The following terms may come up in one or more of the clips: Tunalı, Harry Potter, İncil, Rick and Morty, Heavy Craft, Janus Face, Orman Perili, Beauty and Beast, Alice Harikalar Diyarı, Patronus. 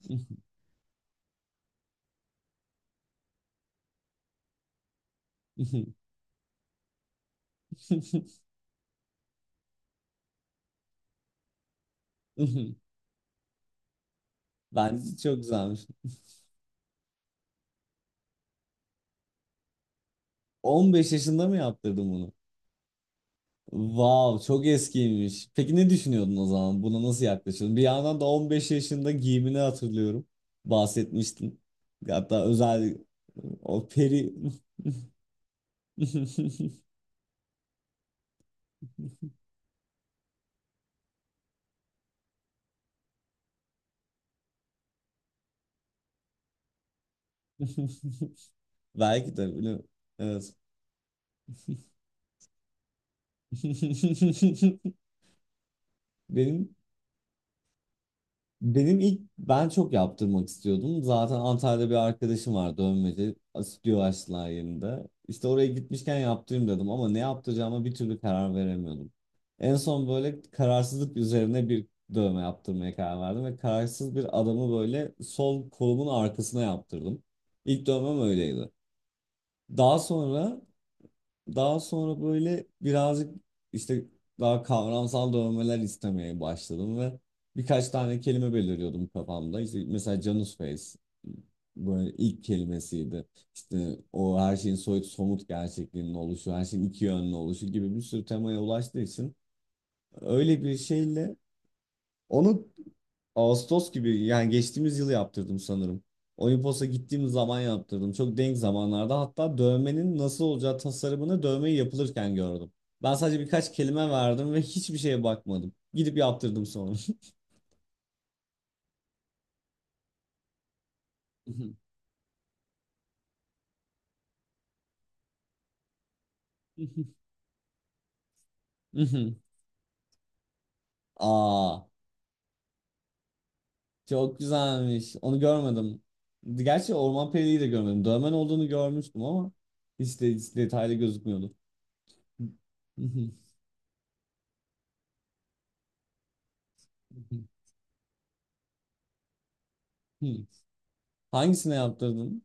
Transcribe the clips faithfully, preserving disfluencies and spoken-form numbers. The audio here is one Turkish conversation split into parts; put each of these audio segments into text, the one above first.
Bence çok güzelmiş. on beş yaşında mı yaptırdın bunu? Wow, çok eskiymiş. Peki ne düşünüyordun o zaman? Buna nasıl yaklaşıyordun? Bir yandan da on beş yaşında giyimini hatırlıyorum. Bahsetmiştin. Hatta özel o peri. belki de bilmiyorum. Evet. Benim Benim ilk ben çok yaptırmak istiyordum. Zaten Antalya'da bir arkadaşım var, dövmeci. Stüdyo açtılar yerinde. İşte oraya gitmişken yaptırayım dedim ama ne yaptıracağıma bir türlü karar veremiyordum. En son böyle kararsızlık üzerine bir dövme yaptırmaya karar verdim ve kararsız bir adamı böyle sol kolumun arkasına yaptırdım. İlk dövmem öyleydi. Daha sonra daha sonra böyle birazcık işte daha kavramsal dövmeler istemeye başladım ve birkaç tane kelime belirliyordum kafamda. İşte mesela Janus Face böyle ilk kelimesiydi. İşte o her şeyin soyut somut gerçekliğinin oluşu, her şeyin iki yönlü oluşu gibi bir sürü temaya ulaştığı için öyle bir şeyle onu Ağustos gibi, yani geçtiğimiz yıl yaptırdım sanırım. Olimpos'a gittiğim zaman yaptırdım. Çok denk zamanlarda, hatta dövmenin nasıl olacağı tasarımını dövmeyi yapılırken gördüm. Ben sadece birkaç kelime verdim ve hiçbir şeye bakmadım. Gidip yaptırdım sonra. Aa, çok güzelmiş. Onu görmedim. Gerçi Orman Perili'yi de görmedim. Dövmen olduğunu görmüştüm ama hiç, de, hiç detaylı gözükmüyordu. Hangisine yaptırdın?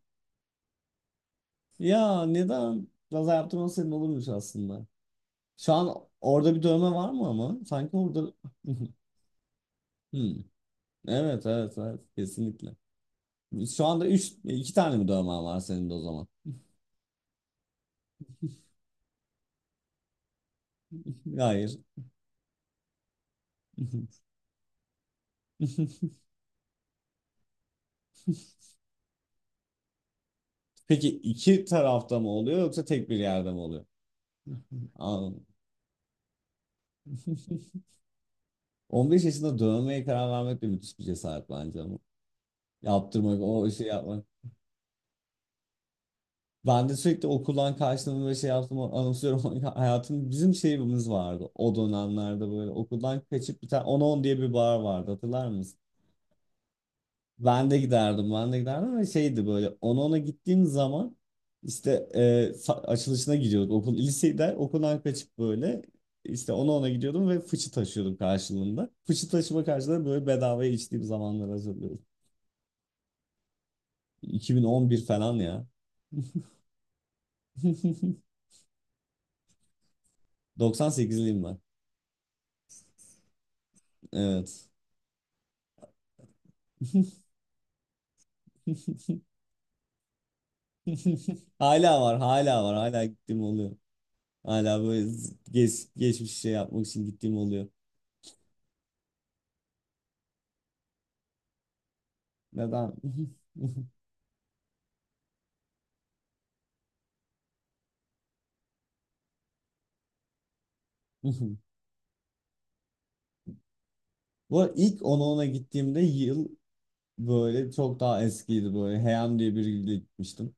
Ya neden? Biraz yaptırman senin olurmuş aslında. Şu an orada bir dövme var mı ama? Sanki orada... Hmm. Evet, evet, evet, kesinlikle. Şu anda üç, iki tane mi dövme var senin de o zaman? Hayır. Peki iki tarafta mı oluyor yoksa tek bir yerde mi oluyor? Anladım. on beş yaşında dövmeye karar vermek de müthiş bir cesaret bence ama. Yaptırmak, o işi yapmak. Ben de sürekli okuldan kaçtığımı ve şey yaptığımı anımsıyorum. Hayatım, bizim şeyimiz vardı o dönemlerde, böyle okuldan kaçıp, bir tane on on diye bir bar vardı, hatırlar mısın? Ben de giderdim, ben de giderdim ve şeydi, böyle on ona gittiğim zaman işte, e, sa- açılışına gidiyorduk. Okul, lisede okuldan kaçıp böyle işte on ona gidiyordum ve fıçı taşıyordum karşılığında. Fıçı taşıma karşılığında böyle bedavaya içtiğim zamanları hatırlıyorum. iki bin on bir falan ya. doksan sekizliyim ben. Evet. Hala var, hala var. Hala gittiğim oluyor. Hala böyle z- geç, geçmiş şey yapmak için gittiğim oluyor. Ve ben bu arada ilk ona ona gittiğimde yıl böyle çok daha eskiydi böyle. Heyam diye biriyle gitmiştim.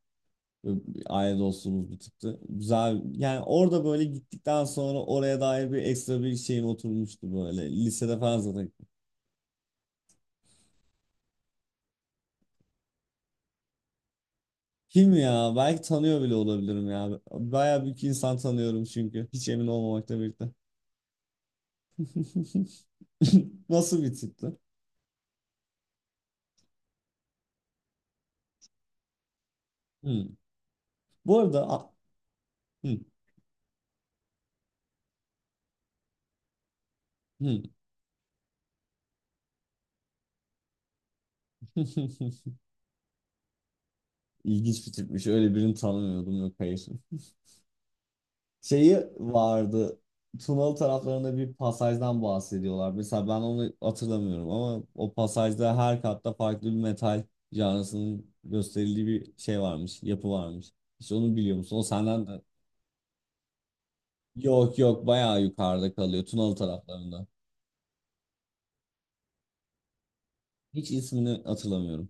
Böyle bir Aile dostluğumuz bir tıktı. Güzel. Yani orada böyle gittikten sonra oraya dair bir ekstra bir şeyim oturmuştu böyle. Lisede falan zaten. Kim ya? Belki tanıyor bile olabilirim ya. Bayağı bir iki insan tanıyorum çünkü. Hiç emin olmamakla birlikte. Nasıl bir tipti? Hmm. Bu arada a- hmm, hmm. İlginç bir tipmiş. Öyle birini tanımıyordum. Yok, hayır. Şeyi vardı. Tunalı taraflarında bir pasajdan bahsediyorlar. Mesela ben onu hatırlamıyorum ama o pasajda her katta farklı bir metal canlısının gösterildiği bir şey varmış. Yapı varmış. Hiç onu biliyor musun? O senden de. Yok, yok, bayağı yukarıda kalıyor, Tunalı taraflarında. Hiç ismini hatırlamıyorum.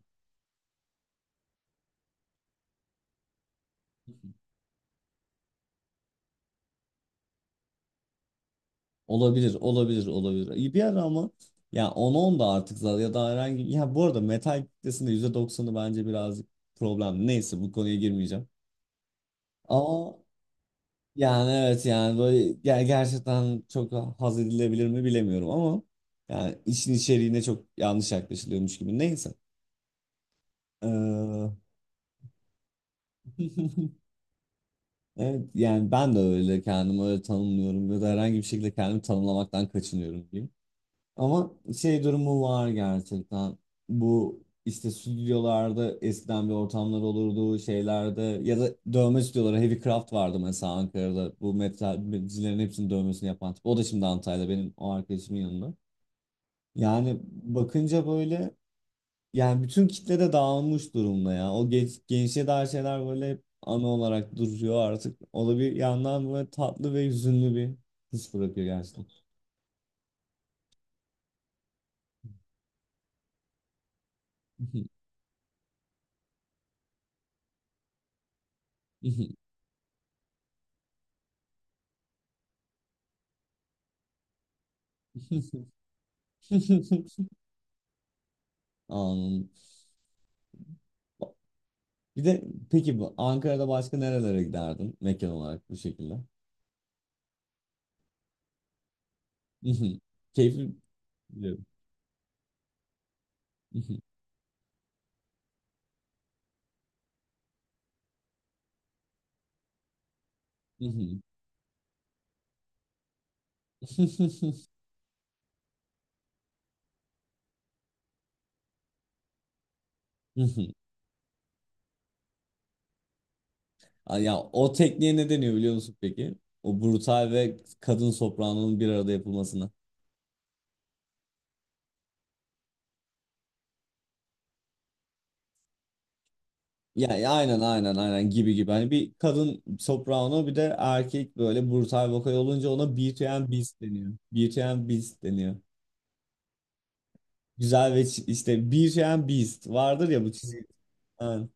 Olabilir, olabilir, olabilir. İyi. Bir ara ama, ya on on da artık zaten ya da herhangi, ya bu arada metal kitlesinde yüzde doksanı bence birazcık problem. Neyse, bu konuya girmeyeceğim. Ama yani, evet yani böyle ger- gerçekten çok haz edilebilir mi bilemiyorum ama, yani işin içeriğine çok yanlış yaklaşılıyormuş gibi. Neyse. Ee, evet yani ben de öyle kendimi öyle tanımlıyorum ya da herhangi bir şekilde kendimi tanımlamaktan kaçınıyorum. Ama şey durumu var gerçekten. Bu işte stüdyolarda eskiden bir ortamlar olurdu şeylerde ya da dövme stüdyoları. Heavy Craft vardı mesela Ankara'da. Bu metalcilerin hepsinin dövmesini yapan tip. O da şimdi Antalya'da, benim o arkadaşımın yanında. Yani bakınca böyle, yani bütün kitle de dağılmış durumda ya. O genç, gençliğe dair şeyler böyle hep ana olarak duruyor artık. O da bir yandan böyle tatlı ve hüzünlü bir his bırakıyor gerçekten. Anladım. Bir de peki, bu Ankara'da başka nerelere giderdin mekan olarak bu şekilde? Mhm. Keyifli, biliyorum. Mhm. Mhm. Mhm. Ay, Ya o tekniğe ne deniyor biliyor musun peki? O brutal ve kadın sopranonun bir arada yapılmasına. Ya, ya aynen, aynen, aynen, gibi gibi. Hani bir kadın soprano bir de erkek böyle brutal vokal olunca ona Beauty and Beast deniyor. Beauty and Beast deniyor. Güzel ve çi- işte, Beauty and Beast vardır ya, bu çizgi. Aynen.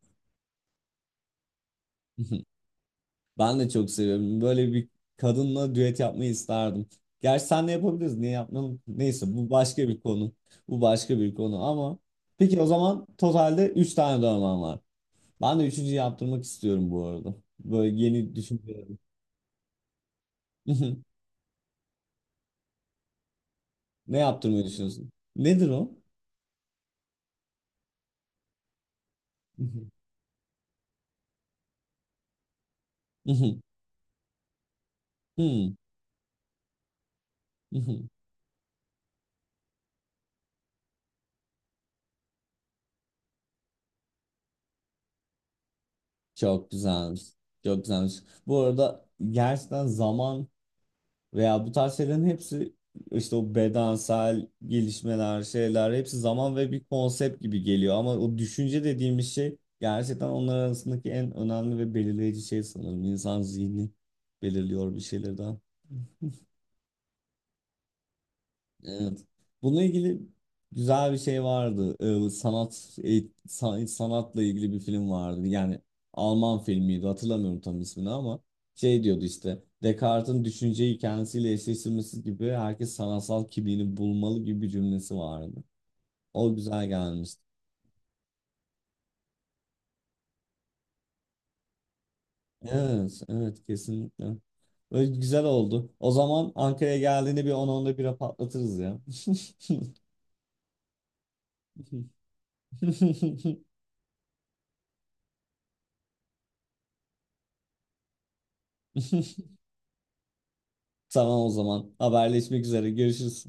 Ben de çok seviyorum. Böyle bir kadınla düet yapmayı isterdim. Gerçi senle yapabiliriz. Niye yapmayalım? Neyse, bu başka bir konu. Bu başka bir konu ama, peki o zaman totalde üç tane dövmem var. Ben de üçüncü.'ü yaptırmak istiyorum bu arada. Böyle yeni düşünüyorum. Ne yaptırmayı düşünüyorsun? Nedir o? Mhm, mhm. Çok güzelmiş. Çok güzelmiş. Bu arada gerçekten zaman. Veya bu tarz şeylerin hepsi, işte o bedensel gelişmeler, şeyler, hepsi zaman ve bir konsept gibi geliyor. Ama o düşünce dediğimiz şey gerçekten onlar arasındaki en önemli ve belirleyici şey sanırım. İnsan zihni belirliyor bir şeylerden. Evet. Bununla ilgili güzel bir şey vardı. Ee, sanat eğit- san- sanatla ilgili bir film vardı. Yani Alman filmiydi. Hatırlamıyorum tam ismini ama şey diyordu işte. Descartes'in düşünceyi kendisiyle eşleştirmesi gibi herkes sanatsal kimliğini bulmalı gibi bir cümlesi vardı. O güzel gelmişti. Evet, evet, kesinlikle. Böyle güzel oldu. O zaman Ankara'ya geldiğinde bir on on bire patlatırız ya. Tamam o zaman. Haberleşmek üzere. Görüşürüz.